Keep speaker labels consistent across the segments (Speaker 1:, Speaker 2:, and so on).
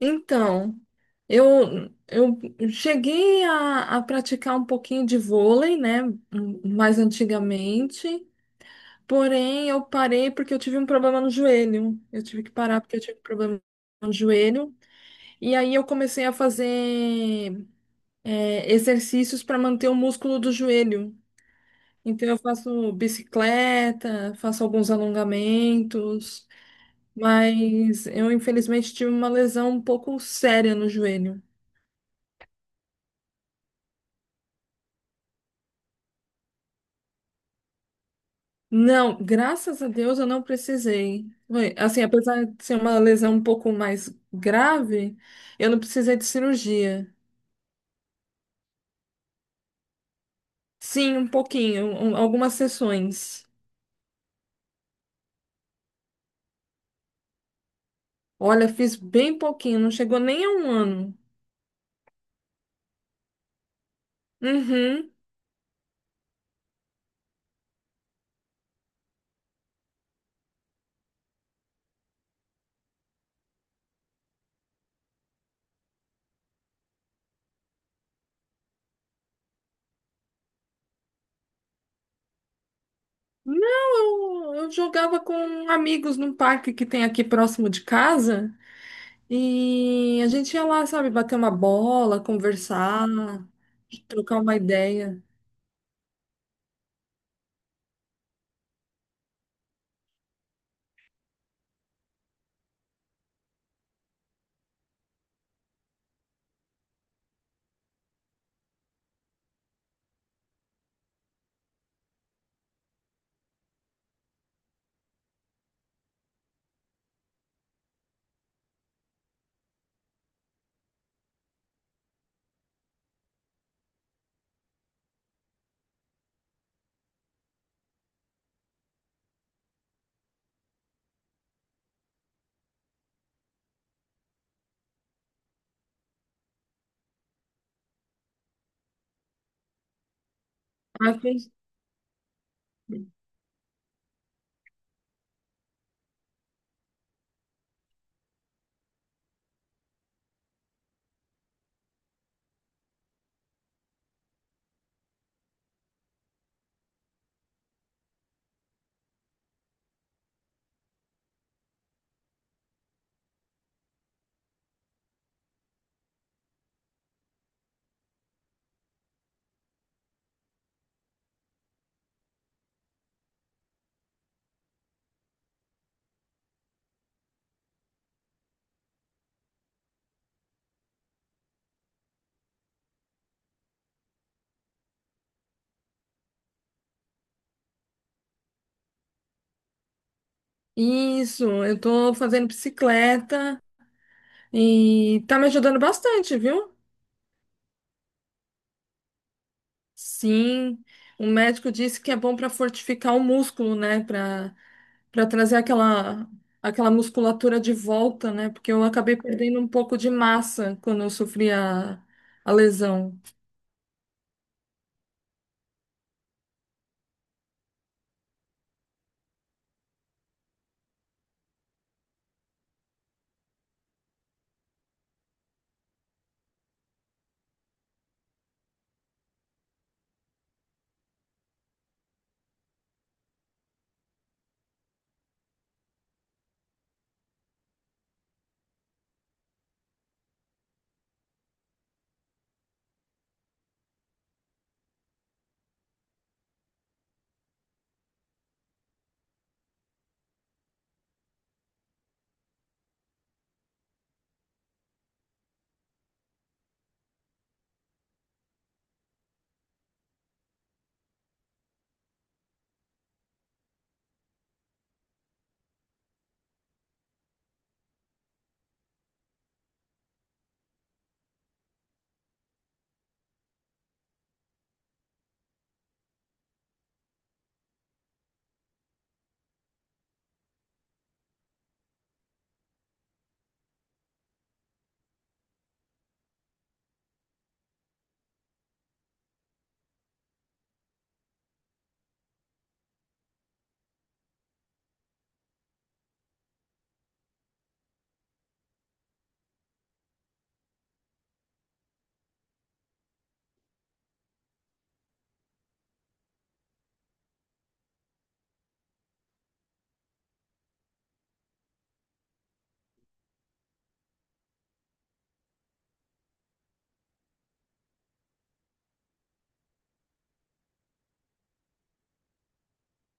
Speaker 1: Então, eu cheguei a praticar um pouquinho de vôlei, né? Mais antigamente. Porém, eu parei porque eu tive um problema no joelho. Eu tive que parar porque eu tive um problema no joelho. E aí eu comecei a fazer exercícios para manter o músculo do joelho. Então, eu faço bicicleta, faço alguns alongamentos. Mas eu, infelizmente, tive uma lesão um pouco séria no joelho. Não, graças a Deus eu não precisei. Foi, assim, apesar de ser uma lesão um pouco mais grave, eu não precisei de cirurgia. Sim, um pouquinho, algumas sessões. Olha, fiz bem pouquinho, não chegou nem a um ano. Uhum. Não, eu jogava com amigos num parque que tem aqui próximo de casa e a gente ia lá, sabe, bater uma bola, conversar, trocar uma ideia. Ah, fez. Isso, eu tô fazendo bicicleta e tá me ajudando bastante, viu? Sim, o médico disse que é bom para fortificar o músculo, né? Para trazer aquela musculatura de volta, né? Porque eu acabei perdendo um pouco de massa quando eu sofri a lesão.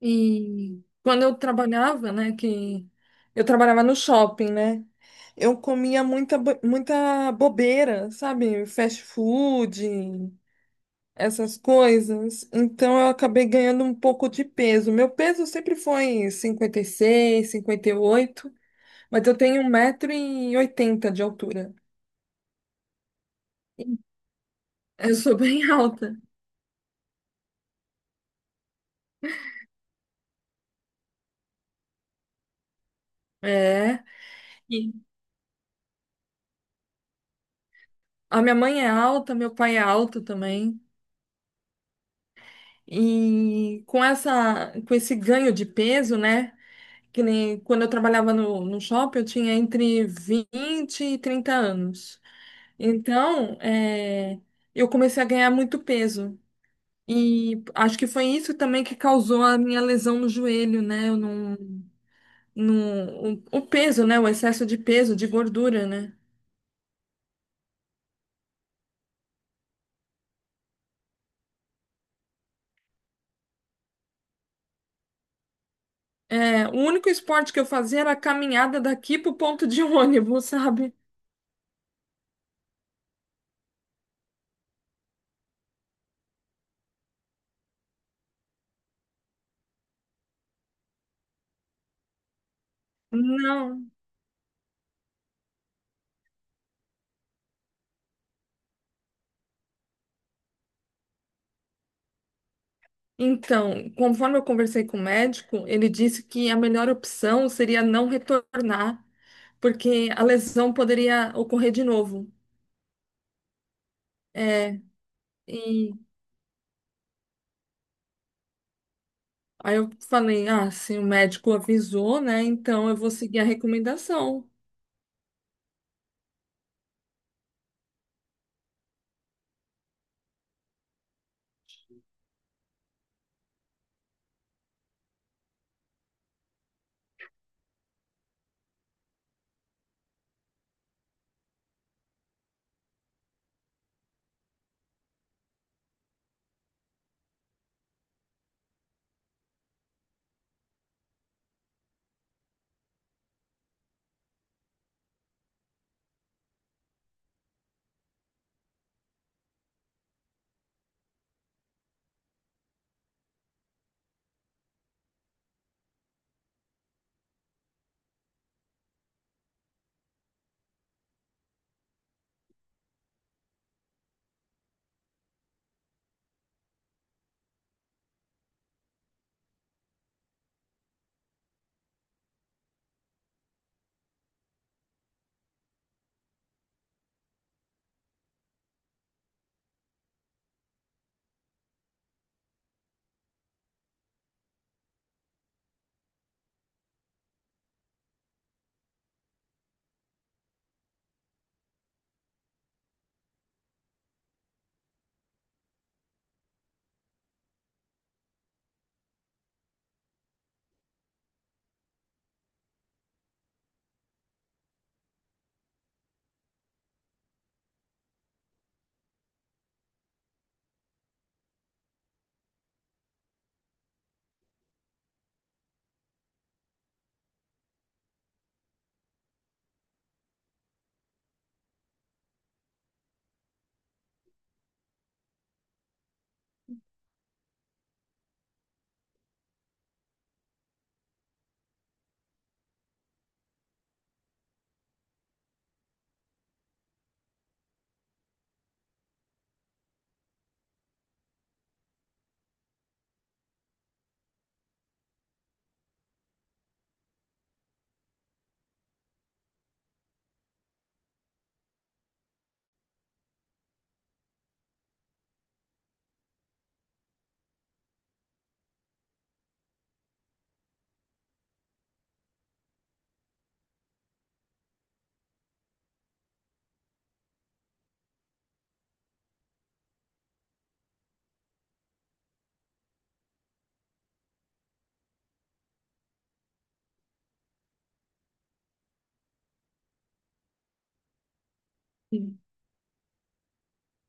Speaker 1: E quando eu trabalhava, né? Que eu trabalhava no shopping, né? Eu comia muita, muita bobeira, sabe? Fast food, essas coisas, então eu acabei ganhando um pouco de peso. Meu peso sempre foi cinquenta, cinquenta e seis, cinquenta e oito, mas eu tenho 1,80 de altura. Eu sou bem alta. É. E a minha mãe é alta, meu pai é alto também. E com com esse ganho de peso, né? Que nem quando eu trabalhava no shopping, eu tinha entre 20 e 30 anos. Então, eu comecei a ganhar muito peso. E acho que foi isso também que causou a minha lesão no joelho, né? Eu não, não, o peso, né? O excesso de peso, de gordura, né? É, o único esporte que eu fazia era a caminhada daqui pro ponto de ônibus, sabe? Não. Então, conforme eu conversei com o médico, ele disse que a melhor opção seria não retornar, porque a lesão poderia ocorrer de novo. É, e aí eu falei, ah, se o médico avisou, né? Então eu vou seguir a recomendação. Sim.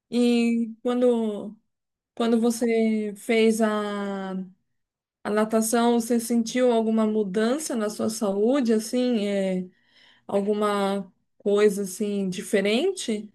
Speaker 1: E quando você fez a natação, você sentiu alguma mudança na sua saúde, assim, alguma coisa assim diferente?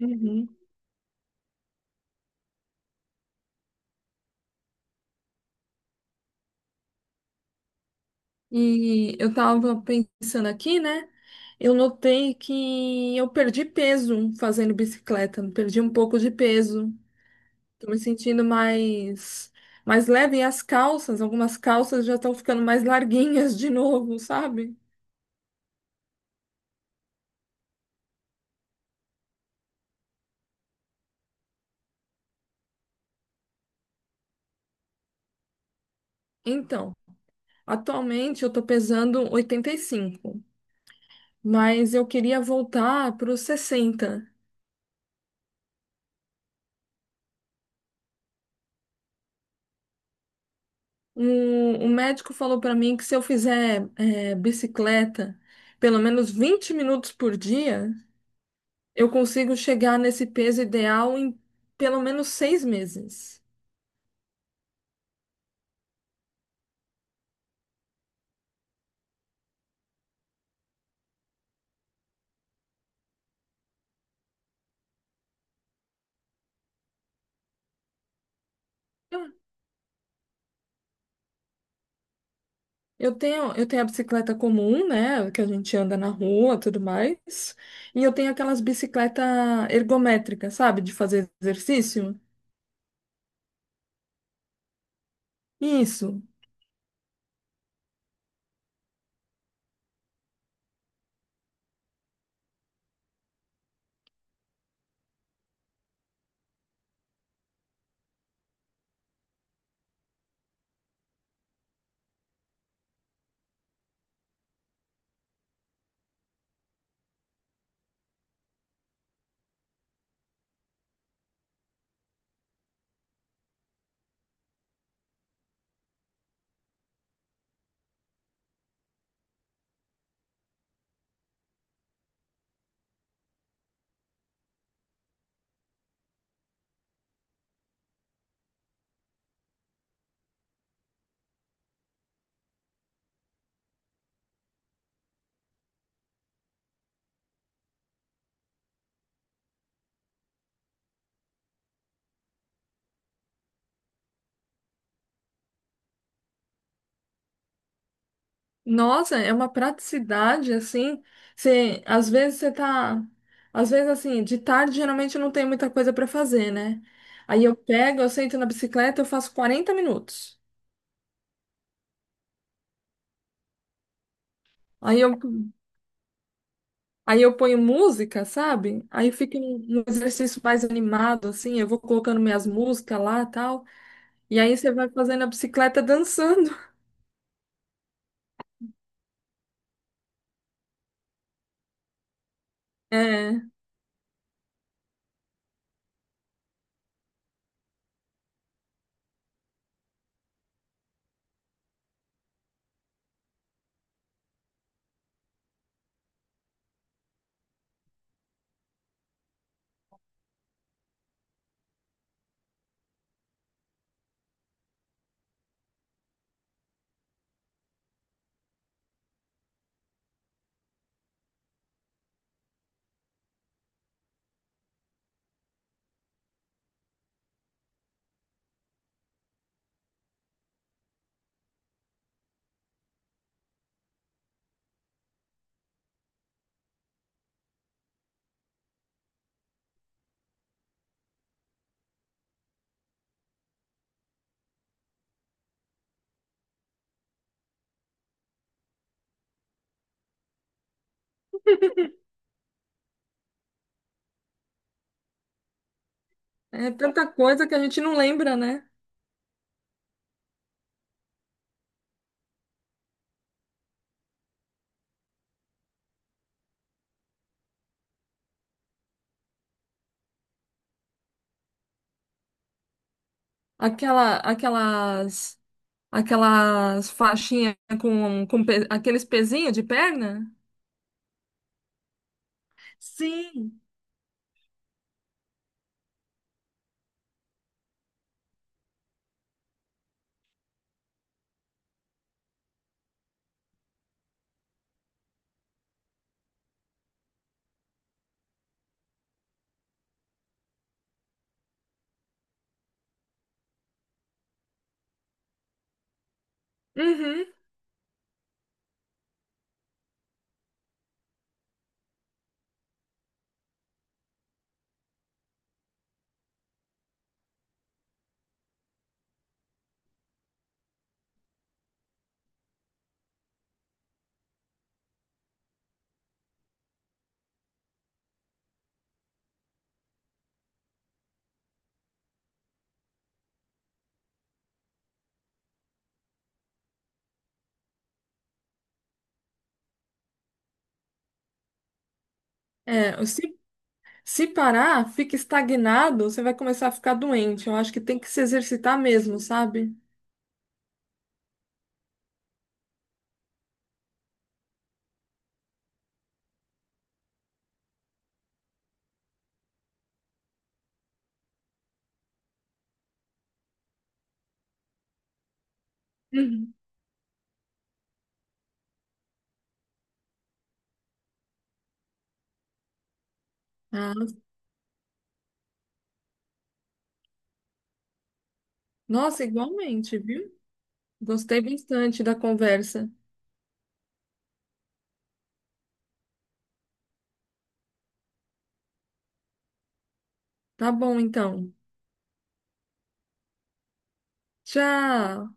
Speaker 1: Uhum. E eu tava pensando aqui, né? Eu notei que eu perdi peso fazendo bicicleta, perdi um pouco de peso. Tô me sentindo mais leve e as calças, algumas calças já estão ficando mais larguinhas de novo, sabe? Então, atualmente eu tô pesando 85, mas eu queria voltar para os 60. O, o médico falou para mim que se eu fizer bicicleta pelo menos 20 minutos por dia, eu consigo chegar nesse peso ideal em pelo menos 6 meses. Eu eu tenho a bicicleta comum, né, que a gente anda na rua, tudo mais, e eu tenho aquelas bicicletas ergométricas, sabe, de fazer exercício. Isso. Nossa, é uma praticidade assim. Você, às vezes você tá, às vezes assim, de tarde geralmente eu não tem muita coisa para fazer, né? Aí eu pego, eu sento na bicicleta, eu faço 40 minutos. Aí eu, aí eu ponho música, sabe? Aí fica um exercício mais animado assim, eu vou colocando minhas músicas lá, tal. E aí você vai fazendo a bicicleta dançando. É, é tanta coisa que a gente não lembra, né? Aquela, aquelas Aquelas faixinhas com, aqueles pezinhos de perna? Sim. Uhum. É, se parar, fica estagnado, você vai começar a ficar doente. Eu acho que tem que se exercitar mesmo, sabe? Uhum. Ah, nossa, igualmente, viu? Gostei bastante da conversa. Tá bom, então. Tchau.